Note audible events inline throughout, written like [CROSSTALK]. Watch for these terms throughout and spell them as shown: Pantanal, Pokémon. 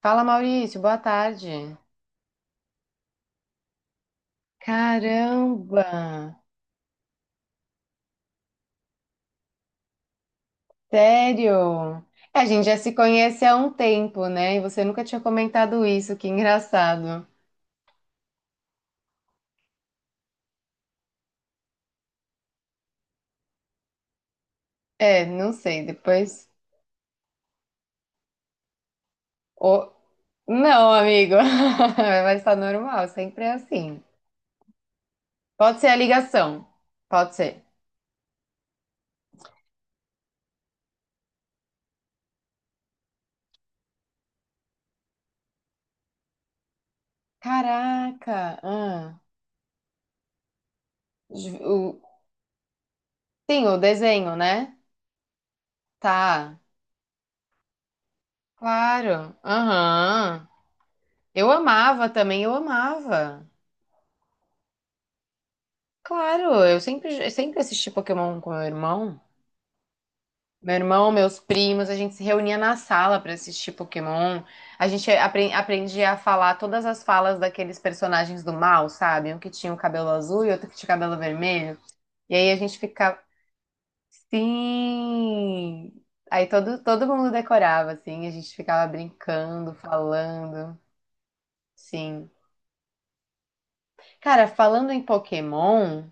Fala, Maurício, boa tarde. Caramba, sério? É, a gente já se conhece há um tempo, né? E você nunca tinha comentado isso, que engraçado. É, não sei, depois. Ô, não, amigo, [LAUGHS] vai estar normal, sempre é assim. Pode ser a ligação, pode ser. Caraca, ah, ju- o- sim, o desenho, né? Tá, claro, aham. Eu amava também, eu amava. Claro, eu sempre assisti Pokémon com meu irmão. Meu irmão, meus primos, a gente se reunia na sala pra assistir Pokémon. A gente aprendia a falar todas as falas daqueles personagens do mal, sabe? Um que tinha o cabelo azul e outro que tinha o cabelo vermelho. E aí a gente ficava, sim! Aí todo mundo decorava, assim, a gente ficava brincando, falando. Sim. Cara, falando em Pokémon.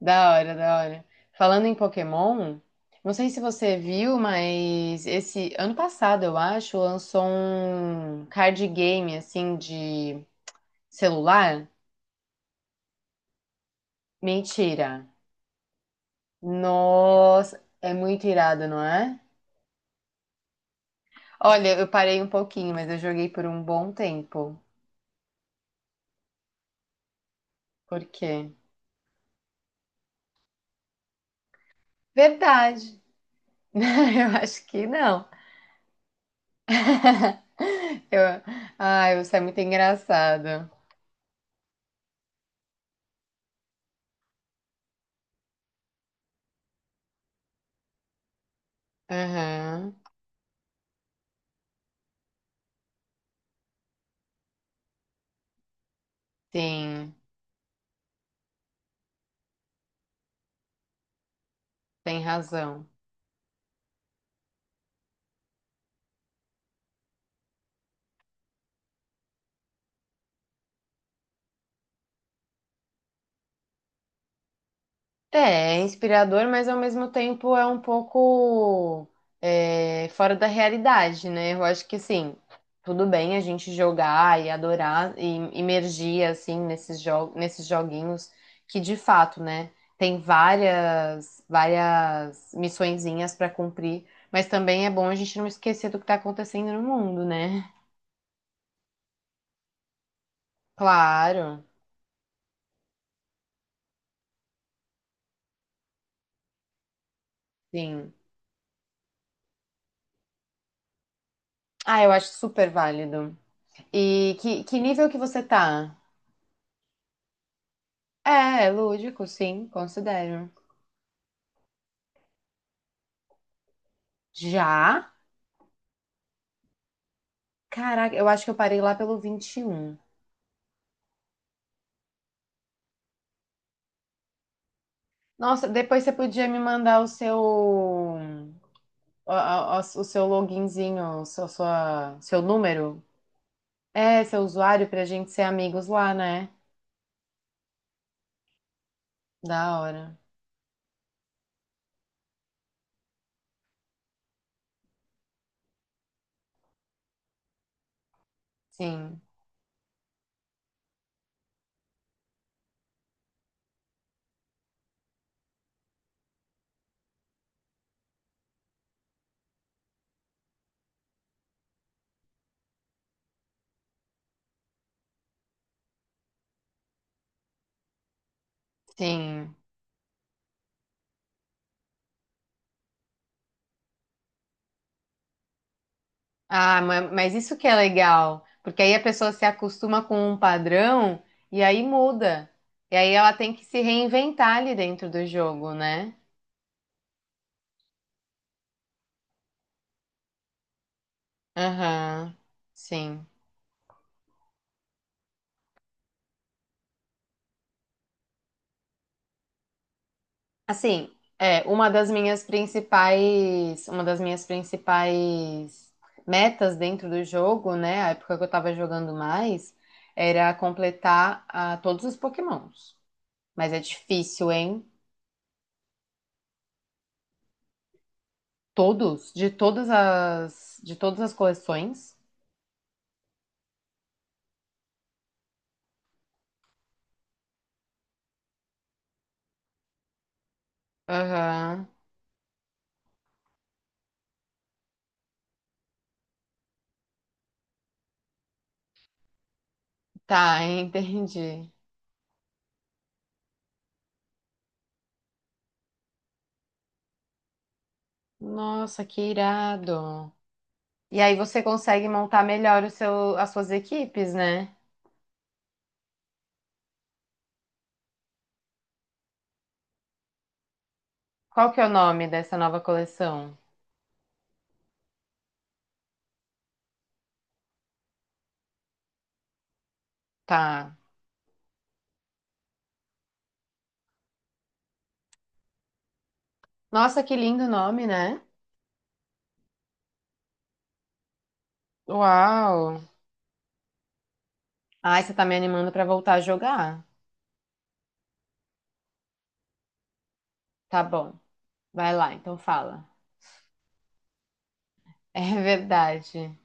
Da hora, da hora. Falando em Pokémon, não sei se você viu, mas esse ano passado, eu acho, lançou um card game assim de celular. Mentira. Nossa, é muito irado, não é? Olha, eu parei um pouquinho, mas eu joguei por um bom tempo. Por quê? Verdade. [LAUGHS] Eu acho que não. [LAUGHS] Eu... Ai, você é muito engraçado. Aham, sim, tem razão. É, é inspirador, mas ao mesmo tempo é um pouco é, fora da realidade, né? Eu acho que sim, tudo bem a gente jogar e adorar e imergir assim nesses joguinhos que de fato, né, tem várias missõezinhas para cumprir, mas também é bom a gente não esquecer do que tá acontecendo no mundo, né? Claro, sim. Ah, eu acho super válido. E que nível que você tá? É, lúdico, sim, considero. Já? Caraca, eu acho que eu parei lá pelo 21. Nossa, depois você podia me mandar o seu loginzinho, seu número. É, seu usuário pra gente ser amigos lá, né? Da hora. Sim, sim. Ah, mas isso que é legal, porque aí a pessoa se acostuma com um padrão e aí muda. E aí ela tem que se reinventar ali dentro do jogo, né? Aham, sim. Assim, é, uma das minhas principais metas dentro do jogo, né, a época que eu tava jogando mais, era completar ah, todos os Pokémons. Mas é difícil, hein? Todos, de todas as coleções. Aham. Tá, [LAUGHS] entendi. Nossa, que irado. E aí você consegue montar melhor as suas equipes, né? Qual que é o nome dessa nova coleção? Tá. Nossa, que lindo nome, né? Uau! Ai, você tá me animando pra voltar a jogar. Tá bom. Vai lá, então fala. [LAUGHS] É verdade.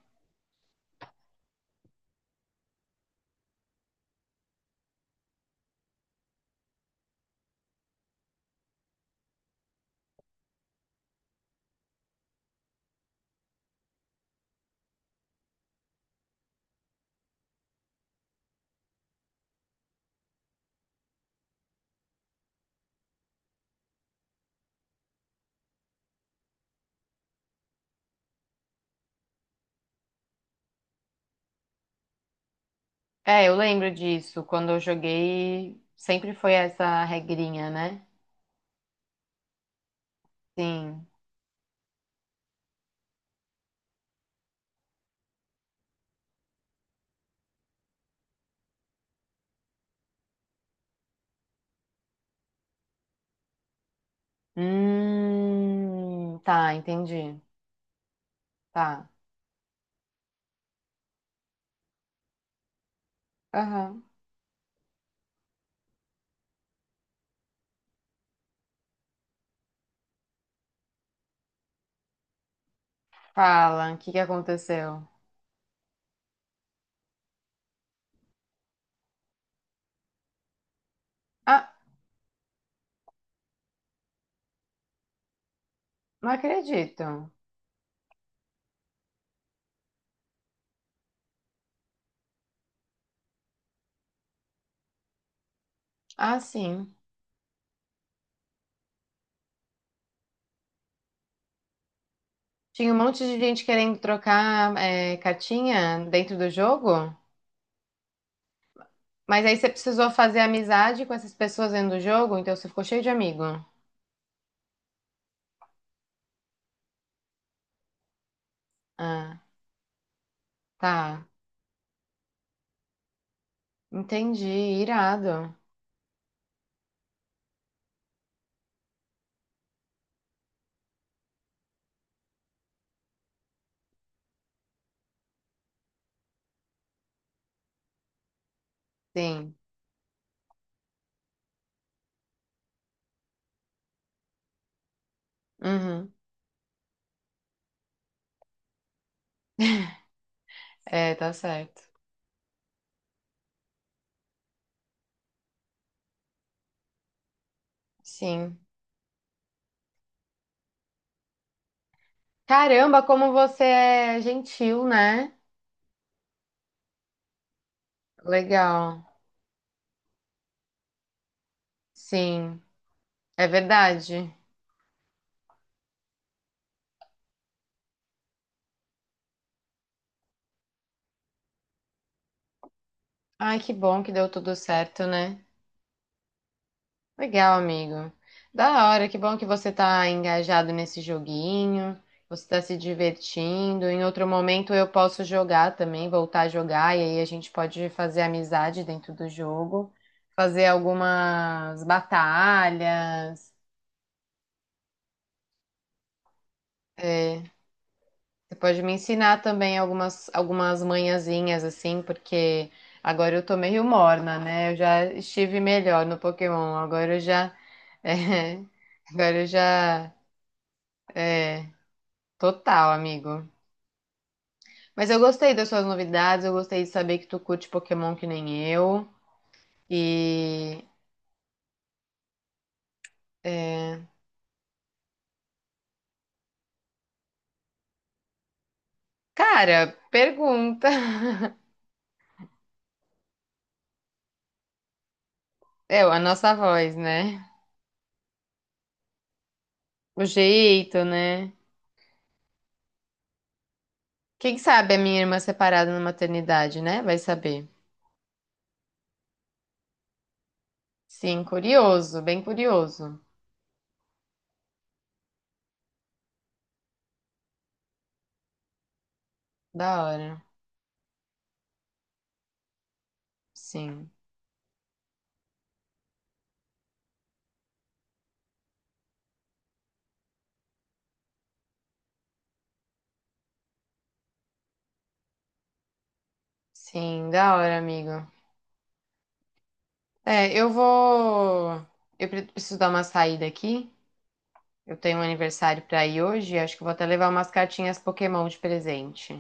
É, eu lembro disso. Quando eu joguei, sempre foi essa regrinha, né? Sim. Tá, entendi. Tá. Aham. Fala, o que que aconteceu? Ah, não acredito. Ah, sim. Tinha um monte de gente querendo trocar é, cartinha dentro do jogo, mas aí você precisou fazer amizade com essas pessoas dentro do jogo, então você ficou cheio de amigo. Ah, tá. Entendi. Irado. Sim. Uhum. É, tá certo. Sim. Caramba, como você é gentil, né? Legal. Sim. É verdade. Ai, que bom que deu tudo certo, né? Legal, amigo. Da hora, que bom que você tá engajado nesse joguinho, você tá se divertindo. Em outro momento eu posso jogar também, voltar a jogar, e aí a gente pode fazer amizade dentro do jogo, fazer algumas batalhas. É, você pode me ensinar também algumas manhãzinhas, assim, porque agora eu tô meio morna, né? Eu já estive melhor no Pokémon, agora eu já. [LAUGHS] é, agora eu já. É, total, amigo. Mas eu gostei das suas novidades, eu gostei de saber que tu curte Pokémon que nem eu. E. é, cara, pergunta. [LAUGHS] É, a nossa voz, né? O jeito, né? Quem sabe a minha irmã separada na maternidade, né? Vai saber. Sim, curioso, bem curioso. Da hora. Sim. Sim, da hora, amigo. É, eu vou. Eu preciso dar uma saída aqui. Eu tenho um aniversário pra ir hoje, acho que vou até levar umas cartinhas Pokémon de presente.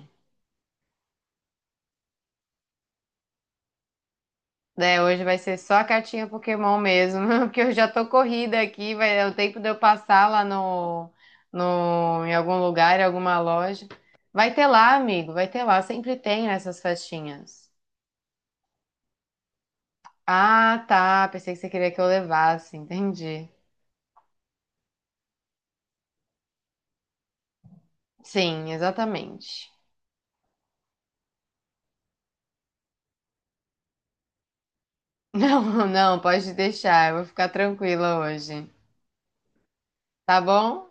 Né, hoje vai ser só a cartinha Pokémon mesmo, [LAUGHS] porque eu já tô corrida aqui, vai dar o tempo de eu passar lá no, em algum lugar, em alguma loja. Vai ter lá, amigo, vai ter lá, sempre tem nessas festinhas. Ah, tá, pensei que você queria que eu levasse, [LAUGHS] entendi. Sim, exatamente. [LAUGHS] Não, não, pode deixar, eu vou ficar tranquila hoje. Tá bom?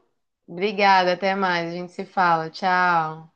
Obrigada, até mais. A gente se fala. Tchau.